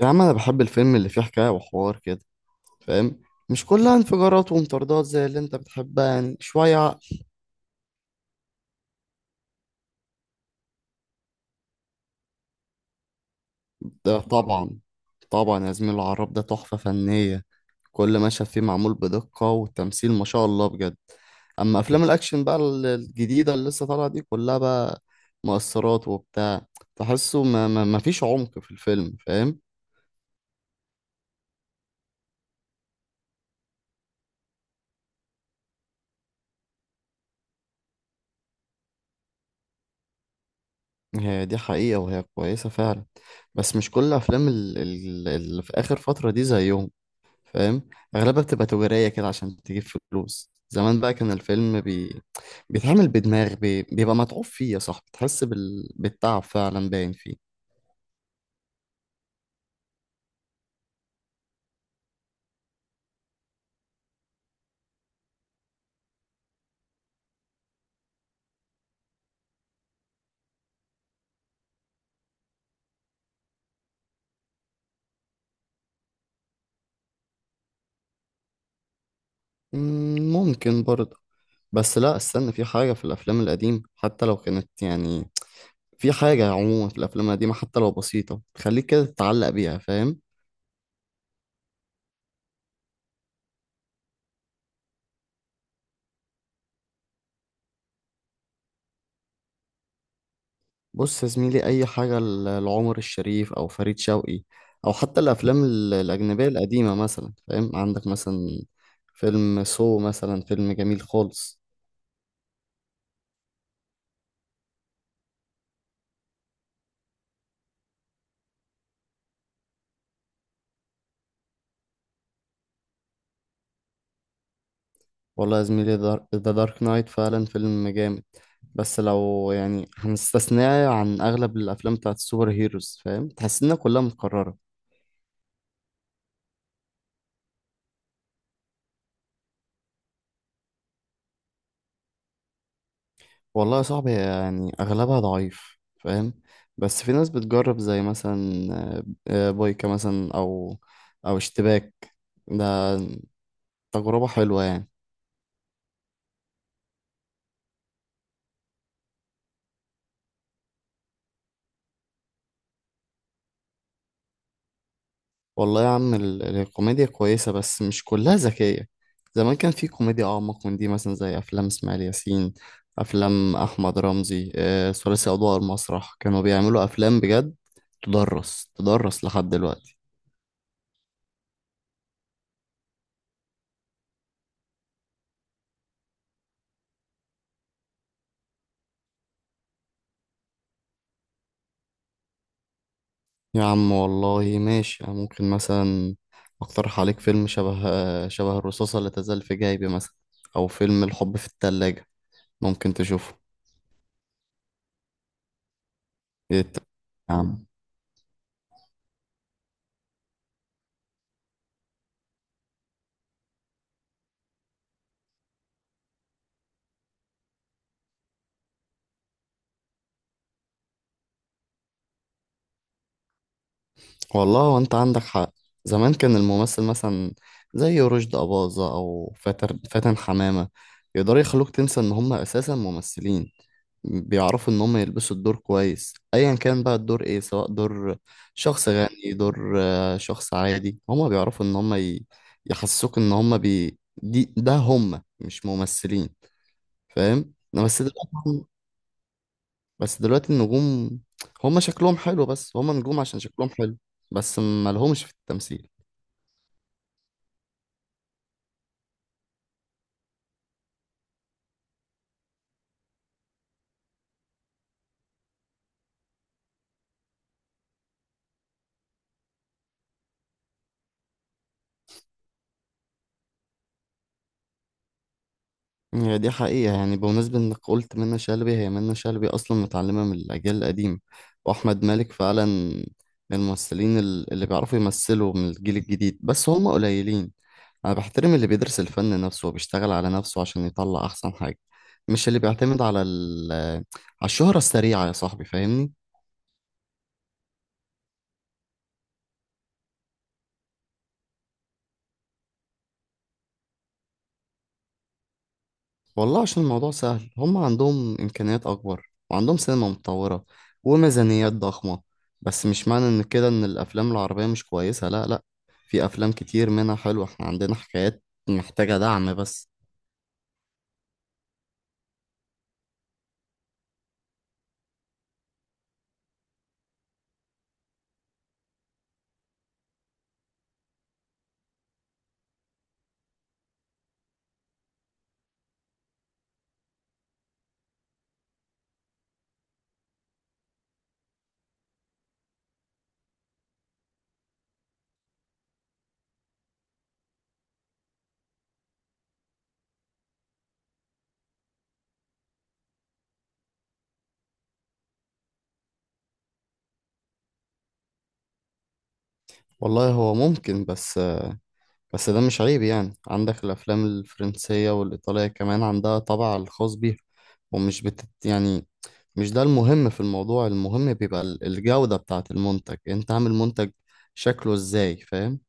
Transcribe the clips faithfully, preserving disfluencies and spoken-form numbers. يا عم، انا بحب الفيلم اللي فيه حكاية وحوار كده، فاهم؟ مش كلها انفجارات ومطاردات زي اللي انت بتحبها، يعني شوية عقل. ده طبعا. طبعا يا زميل، العراب ده تحفة فنية. كل مشهد فيه معمول بدقة، والتمثيل ما شاء الله بجد. اما افلام الاكشن بقى ال- الجديدة اللي لسه طالعة دي، كلها بقى مؤثرات وبتاع. تحسه ما, ما, ما فيش عمق في الفيلم، فاهم؟ هي دي حقيقة وهي كويسة فعلا. بس مش كل افلام ال- ال- اللي في اخر فترة دي زيهم، فاهم؟ اغلبها بتبقى تجارية كده عشان تجيب فلوس. زمان بقى كان الفيلم بي... بيتعمل بدماغ، بي... بيبقى متعوب فيه يا صاحبي، تحس بال... بالتعب فعلا باين فيه. مم، ممكن برضه. بس لا، استنى، في حاجة في الأفلام القديمة حتى لو كانت يعني، في حاجة عموما في الأفلام القديمة حتى لو بسيطة تخليك كده تتعلق بيها، فاهم؟ بص يا زميلي، اي حاجه ل- لعمر الشريف او فريد شوقي، او حتى الافلام ال- الاجنبيه القديمه، مثلا فاهم. عندك مثلا فيلم سو مثلا، فيلم جميل خالص. والله يا زميلي، ذا دارك نايت فعلا فيلم جامد. بس لو يعني هنستثناه عن اغلب الافلام بتاعت السوبر هيروز، فاهم؟ تحس انها كلها متكرره. والله يا صاحبي، يعني اغلبها ضعيف، فاهم؟ بس في ناس بتجرب، زي مثلا آه، آه، بويكا مثلا، او او اشتباك. ده تجربة حلوة يعني. والله يا عم، ال- الكوميديا كويسة بس مش كلها ذكية. زمان كان في كوميديا أعمق من دي، مثلا زي أفلام إسماعيل ياسين، أفلام أحمد رمزي، آه، ثلاثي أضواء المسرح، كانوا بيعملوا أفلام بجد. تدرس تدرس لحد دلوقتي. يا عم والله ماشي، أنا ممكن مثلا أقترح عليك فيلم شبه آه، شبه الرصاصة اللي تزال في جيبي مثلا، أو فيلم الحب في التلاجة، ممكن تشوفه. إيه الت- يا عم. والله، وانت عندك حق. زمان كان الممثل مثلا زي رشدي أباظة أو فاتر فاتن حمامة، يقدروا يخلوك تنسى إن هم أساسا ممثلين. بيعرفوا إن هم يلبسوا الدور كويس، أيا كان بقى الدور إيه، سواء دور شخص غني، دور آه، شخص عادي، هم بيعرفوا إن هم ي- يحسسوك إن هم بي... دي ده هم مش ممثلين، فاهم؟ انا بس دلوقتي بس دلوقتي النجوم هما شكلهم حلو، بس هما نجوم عشان شكلهم حلو، بس ما لهمش في التمثيل. هي دي حقيقة، يعني بمناسبة انك قلت منة شلبي، هي منة شلبي اصلا متعلمة من الاجيال القديمة. واحمد مالك فعلا من الممثلين ال- اللي بيعرفوا يمثلوا من الجيل الجديد، بس هما قليلين. انا بحترم اللي بيدرس الفن نفسه وبيشتغل على نفسه عشان يطلع احسن حاجة، مش اللي بيعتمد على ال على الشهرة السريعة يا صاحبي، فاهمني؟ والله عشان الموضوع سهل، هم عندهم إمكانيات أكبر، وعندهم سينما متطورة وميزانيات ضخمة. بس مش معنى إن كده إن الأفلام العربية مش كويسة، لا لا، في أفلام كتير منها حلوة، إحنا عندنا حكايات محتاجة دعم بس. والله هو ممكن، بس بس ده مش عيب يعني. عندك الأفلام الفرنسية والإيطالية كمان عندها طابع الخاص بيها، ومش بتت يعني. مش ده المهم في الموضوع، المهم بيبقى ال- الجودة بتاعة المنتج. أنت عامل منتج شكله إزاي، فاهم؟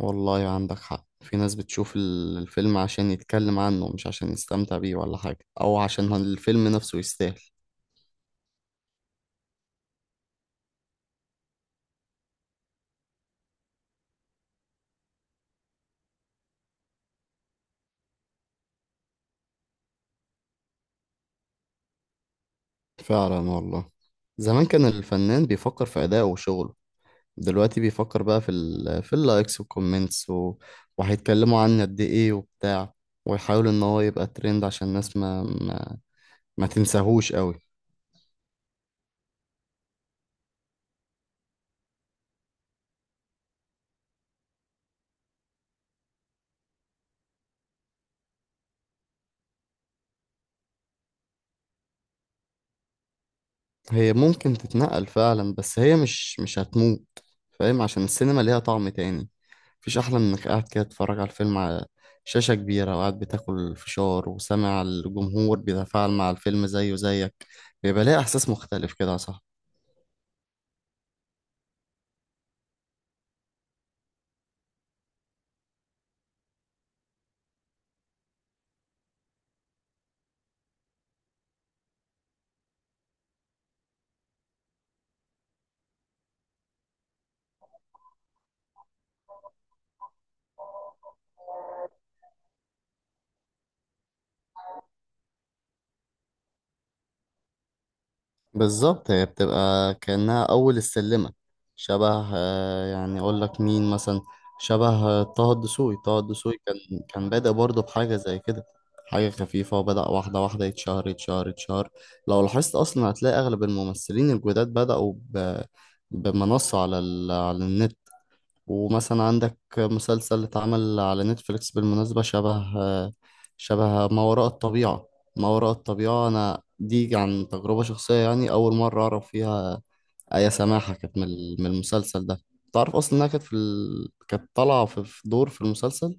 والله عندك حق، في ناس بتشوف ال- الفيلم عشان يتكلم عنه، مش عشان يستمتع بيه ولا حاجة، أو عشان الفيلم نفسه يستاهل. فعلا والله. زمان كان الفنان بيفكر في أدائه وشغله، دلوقتي بيفكر بقى في ال في اللايكس والكومنتس، و... وهيتكلموا عنه قد إيه وبتاع. ويحاول إن هو يبقى ترند عشان الناس ما ما, ما تنساهوش قوي. هي ممكن تتنقل فعلا، بس هي مش مش هتموت، فاهم؟ عشان السينما ليها طعم تاني. مفيش أحلى من إنك قاعد كده تتفرج على الفيلم على شاشة كبيرة، وقاعد بتاكل فشار، وسامع الجمهور بيتفاعل مع الفيلم زيه زيك. بيبقى ليه إحساس مختلف كده يا صاحبي. بالظبط، هي بتبقى كأنها أول السلمة. شبه آه، يعني أقول لك مين مثلا، شبه آه، طه الدسوقي طه الدسوقي كان كان بادئ برضه بحاجة زي كده، حاجة خفيفة. وبدأ واحدة واحدة يتشهر يتشهر يتشهر. لو لاحظت أصلا هتلاقي أغلب الممثلين الجداد بدأوا ب... بمنصة على ال... على النت. ومثلا عندك مسلسل اتعمل على نتفليكس بالمناسبة، شبه شبه ما وراء الطبيعة. ما وراء الطبيعة، أنا دي عن تجربة شخصية يعني، أول مرة أعرف فيها آية سماحة كانت من ال- من المسلسل ده. تعرف أصلا إنها كانت في ال... كانت طالعة في في دور في المسلسل.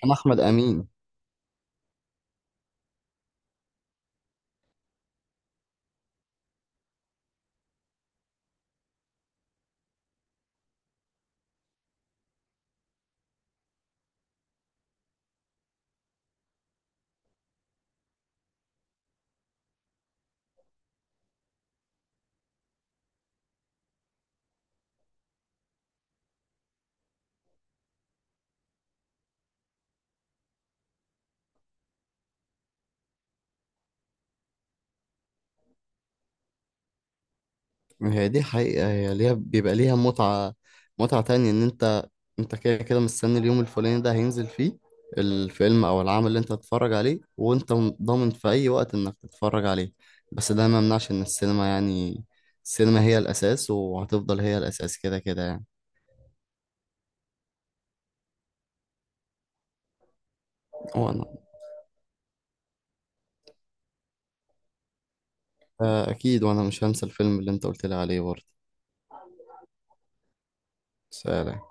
كان أحمد أمين. هي دي حقيقة، هي ليها، بيبقى ليها متعة متعة تانية. إن أنت انت كده كده مستني اليوم الفلاني ده هينزل فيه الفيلم او العمل اللي انت هتتفرج عليه، وانت م- ضامن في اي وقت انك تتفرج عليه. بس ده ما يمنعش ان السينما يعني، السينما هي الاساس، وهتفضل هي الاساس كده كده يعني. وانا آه، اكيد، وانا مش هنسى الفيلم اللي انت قلت لي عليه برضه. سلام.